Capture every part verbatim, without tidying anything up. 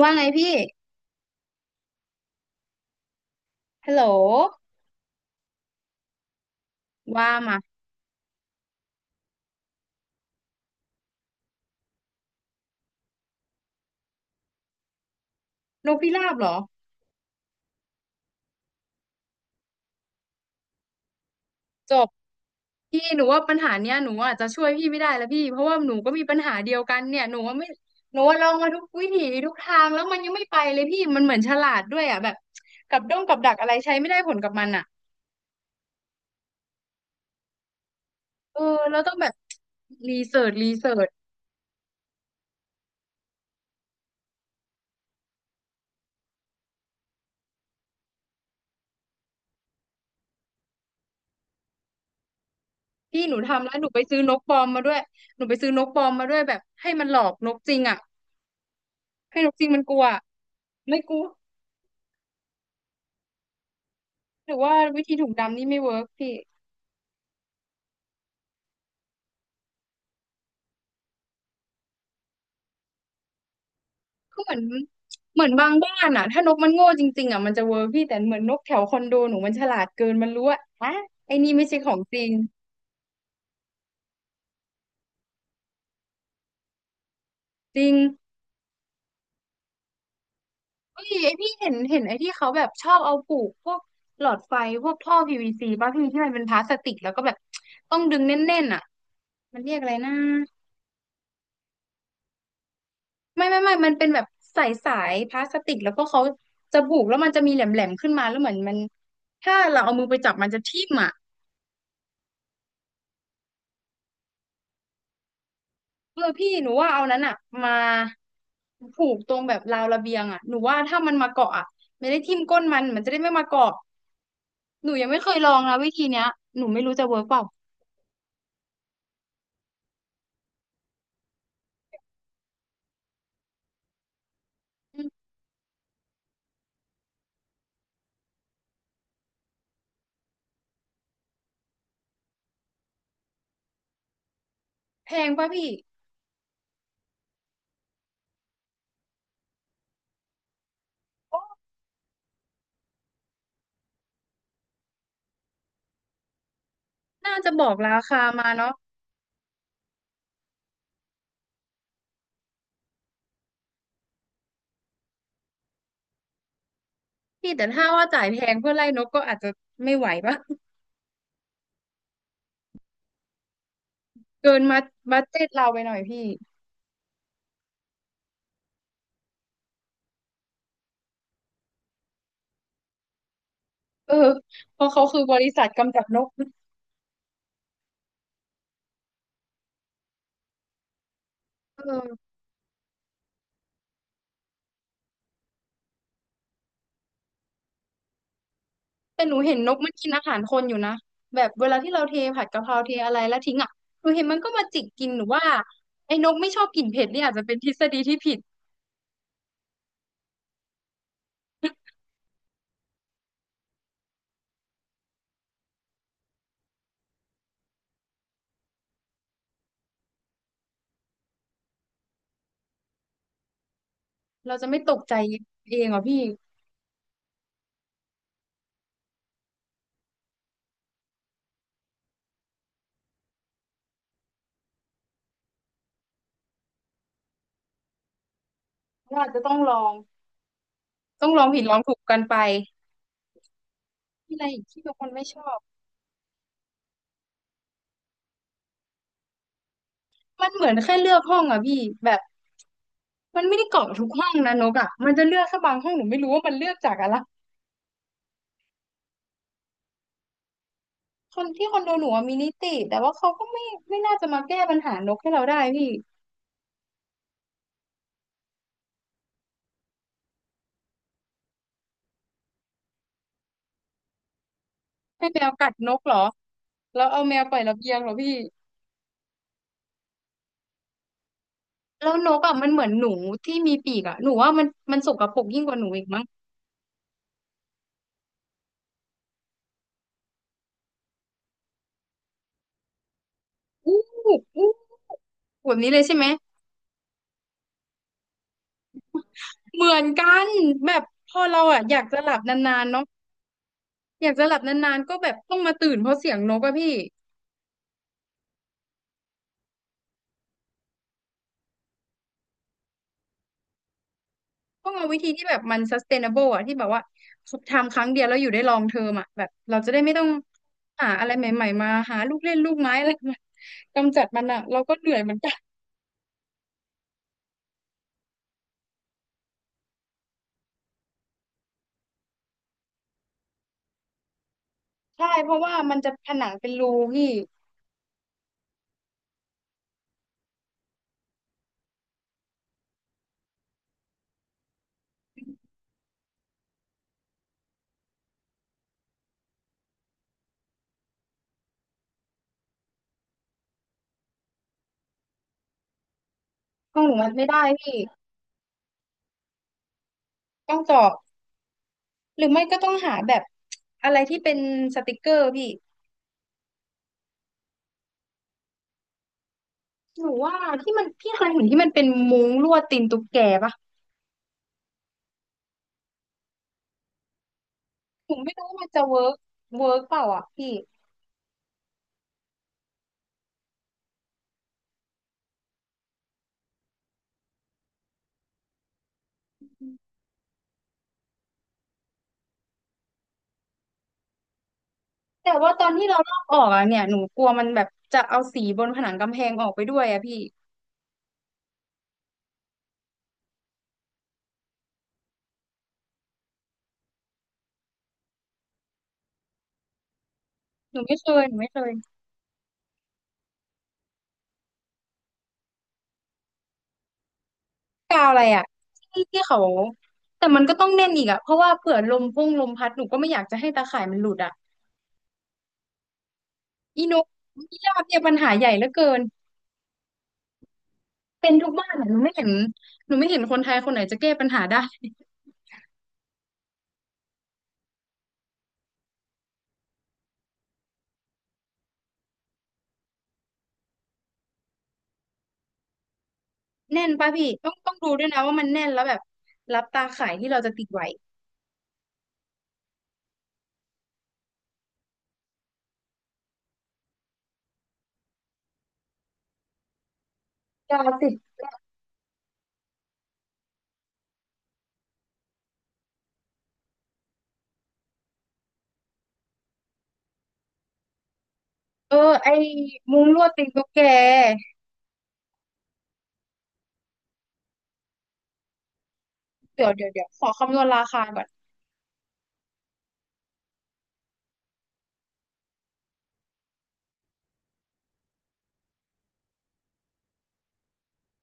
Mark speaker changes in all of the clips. Speaker 1: ว่าไงพี่ฮัลโหลว่ามานกพิราบเหรอจบพี่หนูว่าปัญหาเนี้ยหนูอาจจะช่วยพี่ไม่ได้แล้วพี่ เพราะว่าหนูก็มีปัญหาเดียวกันเนี่ยหนูว่าไม่หนูว่าลองมาทุกวิถีทุกทางแล้วมันยังไม่ไปเลยพี่มันเหมือนฉลาดด้วยอ่ะแบบกับด้งกับดักอะไรใช้ไม่ได้ผลกับมันอ่ะเออเราต้องแบบรีเสิร์ชรีเสิร์ชพี่หนูทำแล้วหนูไปซื้อนกปลอมมาด้วยหนูไปซื้อนกปลอมมาด้วยแบบให้มันหลอกนกจริงอ่ะให้นกจริงมันกลัวไม่กลัวหรือว่าวิธีถุงดำนี่ไม่เวิร์กพี่ ก็เหมือนเหมือนบางบ้านอ่ะถ้านกมันโง่จริงๆอ่ะมันจะเวอร์พี่แต่เหมือนนกแถวคอนโดหนูมันฉลาดเกินมันรู้ว่าฮะไอ้นี่ไม่ใช่ของจริงจริงเฮ้ยไอพี่เห็นเห็นไอที่เขาแบบชอบเอาปลูกพวกหลอดไฟพวกท่อ พี วี ซี ป่ะพี่ที่มันเป็นพลาสติกแล้วก็แบบต้องดึงแน่นๆอ่ะมันเรียกอะไรนะไม่ไม่ไม่มันเป็นแบบสายสายพลาสติกแล้วก็เขาจะปลูกแล้วมันจะมีแหลมๆขึ้นมาแล้วเหมือนมันถ้าเราเอามือไปจับมันจะทิ่มอ่ะ เออพี่หนูว่าเอานั้นอ่ะมาผูกตรงแบบราวระเบียงอ่ะหนูว่าถ้ามันมาเกาะอ่ะไม่ได้ทิ่มก้นมันมันจะได้ไม่มาเกาะหนูยังไม่เคยลองนะวิธีเนี้ยหนูไม่รู้จะเวิร์กเปล่าอืมแพงป่ะพี่น่าจะบอกราคามาเนาะพี่แต่ถ้าว่าจ่ายแพงเพื่อไล่นกก็อาจจะไม่ไหวป่ะ เกินมาบัดเจ็ตเราไปหน่อยพี่เออเพราะเขาคือบริษัทกำจัดนกเออ แต่หนูเห็นนกมันกินอาหารคนอยู่นะแบบเวลาที่เราเทผัดกะเพราเทอะไรแล้วทิ้งอ่ะหนูเห็นมันก็มาจิกกินหนูว่าไอ้นกไม่ชอบกลิ่นเผ็ดนี่อาจจะเป็นทฤษฎีที่ผิดเราจะไม่ตกใจเองเหรอพี่ว่าอาจจะต้องลองต้องลองผิดลองถูกกันไปที่อะไรอีกที่บางคนไม่ชอบมันเหมือนแค่เลือกห้องอ่ะพี่แบบมันไม่ได้เกาะทุกห้องนะนกอ่ะมันจะเลือกแค่บางห้องหนูไม่รู้ว่ามันเลือกจากอะไรคนที่คอนโดหนูอะมีนิติแต่ว่าเขาก็ไม่ไม่น่าจะมาแก้ปัญหานกให้เราได้พี่ ให้แมวกัดนกเหรอแล้วเอาแมวปล่อยระเบียงเหรอพี่แล้วนกอ่ะมันเหมือนหนูที่มีปีกอ่ะหนูว่ามันมันสกปรกยิ่งกว่าหนูอีกมั้งอู้อู้แบบนี้เลยใช่ไหมเหมือนกันแบบพอเราอ่ะอยากจะหลับนานๆเนาะอยากจะหลับนานๆก็แบบต้องมาตื่นเพราะเสียงนกอะพี่ต้องเอาวิธีที่แบบมัน sustainable อะที่แบบว่าทำครั้งเดียวแล้วอยู่ได้ลองเทอ m อะแบบเราจะได้ไม่ต้องหาอะไรใหม่ๆมาหาลูกเล่นลูกไม้อะไรมากำจัดมันอะเราก็เหนื่อยเหมือนกัน ใช่เพราะว่ามันจะผนังเป็นรูพี่ห้องหนูมันไม่ได้พี่ต้องเจาะหรือไม่ก็ต้องหาแบบอะไรที่เป็นสติกเกอร์พี่หนูว่าที่มันพี่เคยเห็นที่มันเป็นมุ้งลวดตีนตุ๊กแกปะหนูไม่รู้ว่ามันจะเวิร์กเวิร์กเปล่าอ่ะพี่แต่ว่าตอนที่เราลอกออกอ่ะเนี่ยหนูกลัวมันแบบจะเอาสีบนผนังกำแพงออกไปด้วยอ่ะพี่หนูไม่เคยหนูไม่เคยกาวอะไรอ่ะที่ที่เขาแต่มันก็ต้องแน่นอีกอ่ะเพราะว่าเผื่อลมพุ่งลมพัดหนูก็ไม่อยากจะให้ตาข่ายมันหลุดอ่ะ อีโนมิยาบเนี่ยปัญหาใหญ่เหลือเกินเป็นทุกบ้านอะหนูไม่เห็นหนูไม่เห็นคนไทยคนไหนจะแก้ปัญหาได้ แน่นป่ะพี่ต้องต้องดูด้วยนะว่ามันแน่นแล้วแบบรับตาข่ายที่เราจะติดไหว้กาติดเออไอ้มุ้งลวดติดตุ๊กแกเดี๋ยวเดี๋ยวเดี๋ยวขอคำนวณราคาก่อน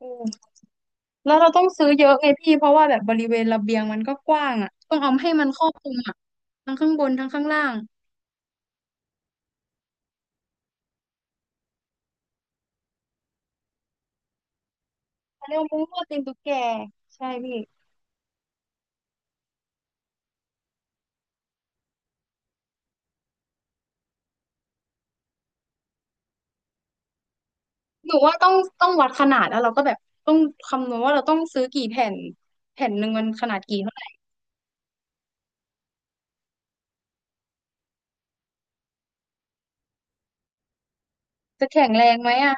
Speaker 1: อืมแล้วเราต้องซื้อเยอะไงพี่เพราะว่าแบบบริเวณระเบียงมันก็กว้างอ่ะต้องเอาให้มันครอบคลุมอ่ะทั้งข้างบนทั้งข้างล่างเขาเรียกว่ามุ้งลวดติดตุ๊กแกใช่พี่ หนูว่าต้องต้องวัดขนาดแล้วเราก็แบบต้องคำนวณว่าเราต้องซื้อกี่แผ่นแผ่นหนึ่งมันขนาดกี่เท่าไหร่จะแข็งแรงไหมอ่ะ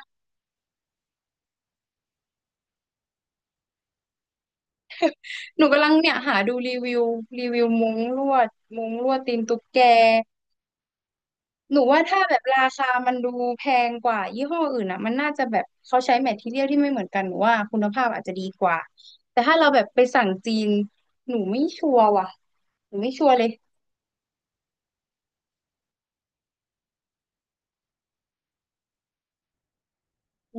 Speaker 1: หนูกำลังเนี่ยหาดูรีวิวรีวิวมุ้งลวดมุ้งลวดตีนตุ๊กแกหนูว่าถ้าแบบราคามันดูแพงกว่ายี่ห้ออื่นอ่ะมันน่าจะแบบเขาใช้แมททีเรียลที่ไม่เหมือนกันหนูว่าคุณภาพอาจจะดีกว่าแต่ถ้าเราแบบไปสั่งจีนหนูไม่ชัวร์ว่ะหนูไม่ชัวร์เลย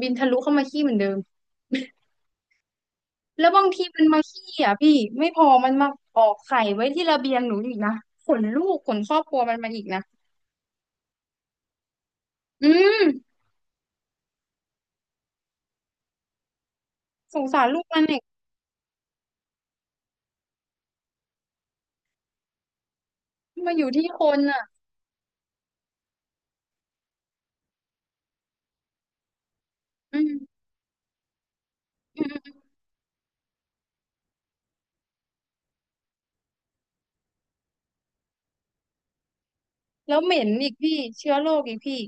Speaker 1: บินทะลุเข้ามาขี้เหมือนเดิม แล้วบางทีมันมาขี้อ่ะพี่ไม่พอมันมาออกไข่ไว้ที่ระเบียงหนูอีกนะขนลูกขนครอบครัวมันมาอีกนะอืมสงสารลูกมันเนี่ยมาอยู่ที่คนอ่ะอืมอืมแล้วเหม็นอีกพี่เชื้อโรคอีกพี่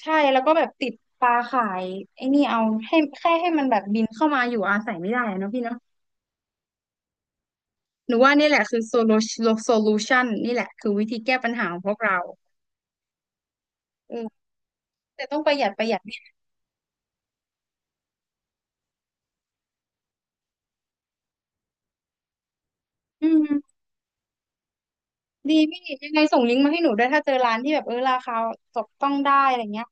Speaker 1: ใช่แล้วก็แบบติดปลาข่ายไอ้นี่เอาให้แค่ให้มันแบบบินเข้ามาอยู่อาศัยไม่ได้อะเนาะพี่เนาะหนูว่านี่แหละคือโซลูโซลูชันนี่แหละคือวิธีแก้ปัญหาของพวกเราอืมแต่ต้องประหยัดประหยัดนิดอืม ดีพี่ยังไงส่งลิงก์มาให้หนูด้วยถ้าเจอร้านที่แบบเออราคาจับต้องได้อะไรเงี้ย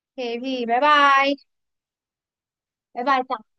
Speaker 1: โอเคพี่บ๊ายบายบ๊ายบายจ้ะ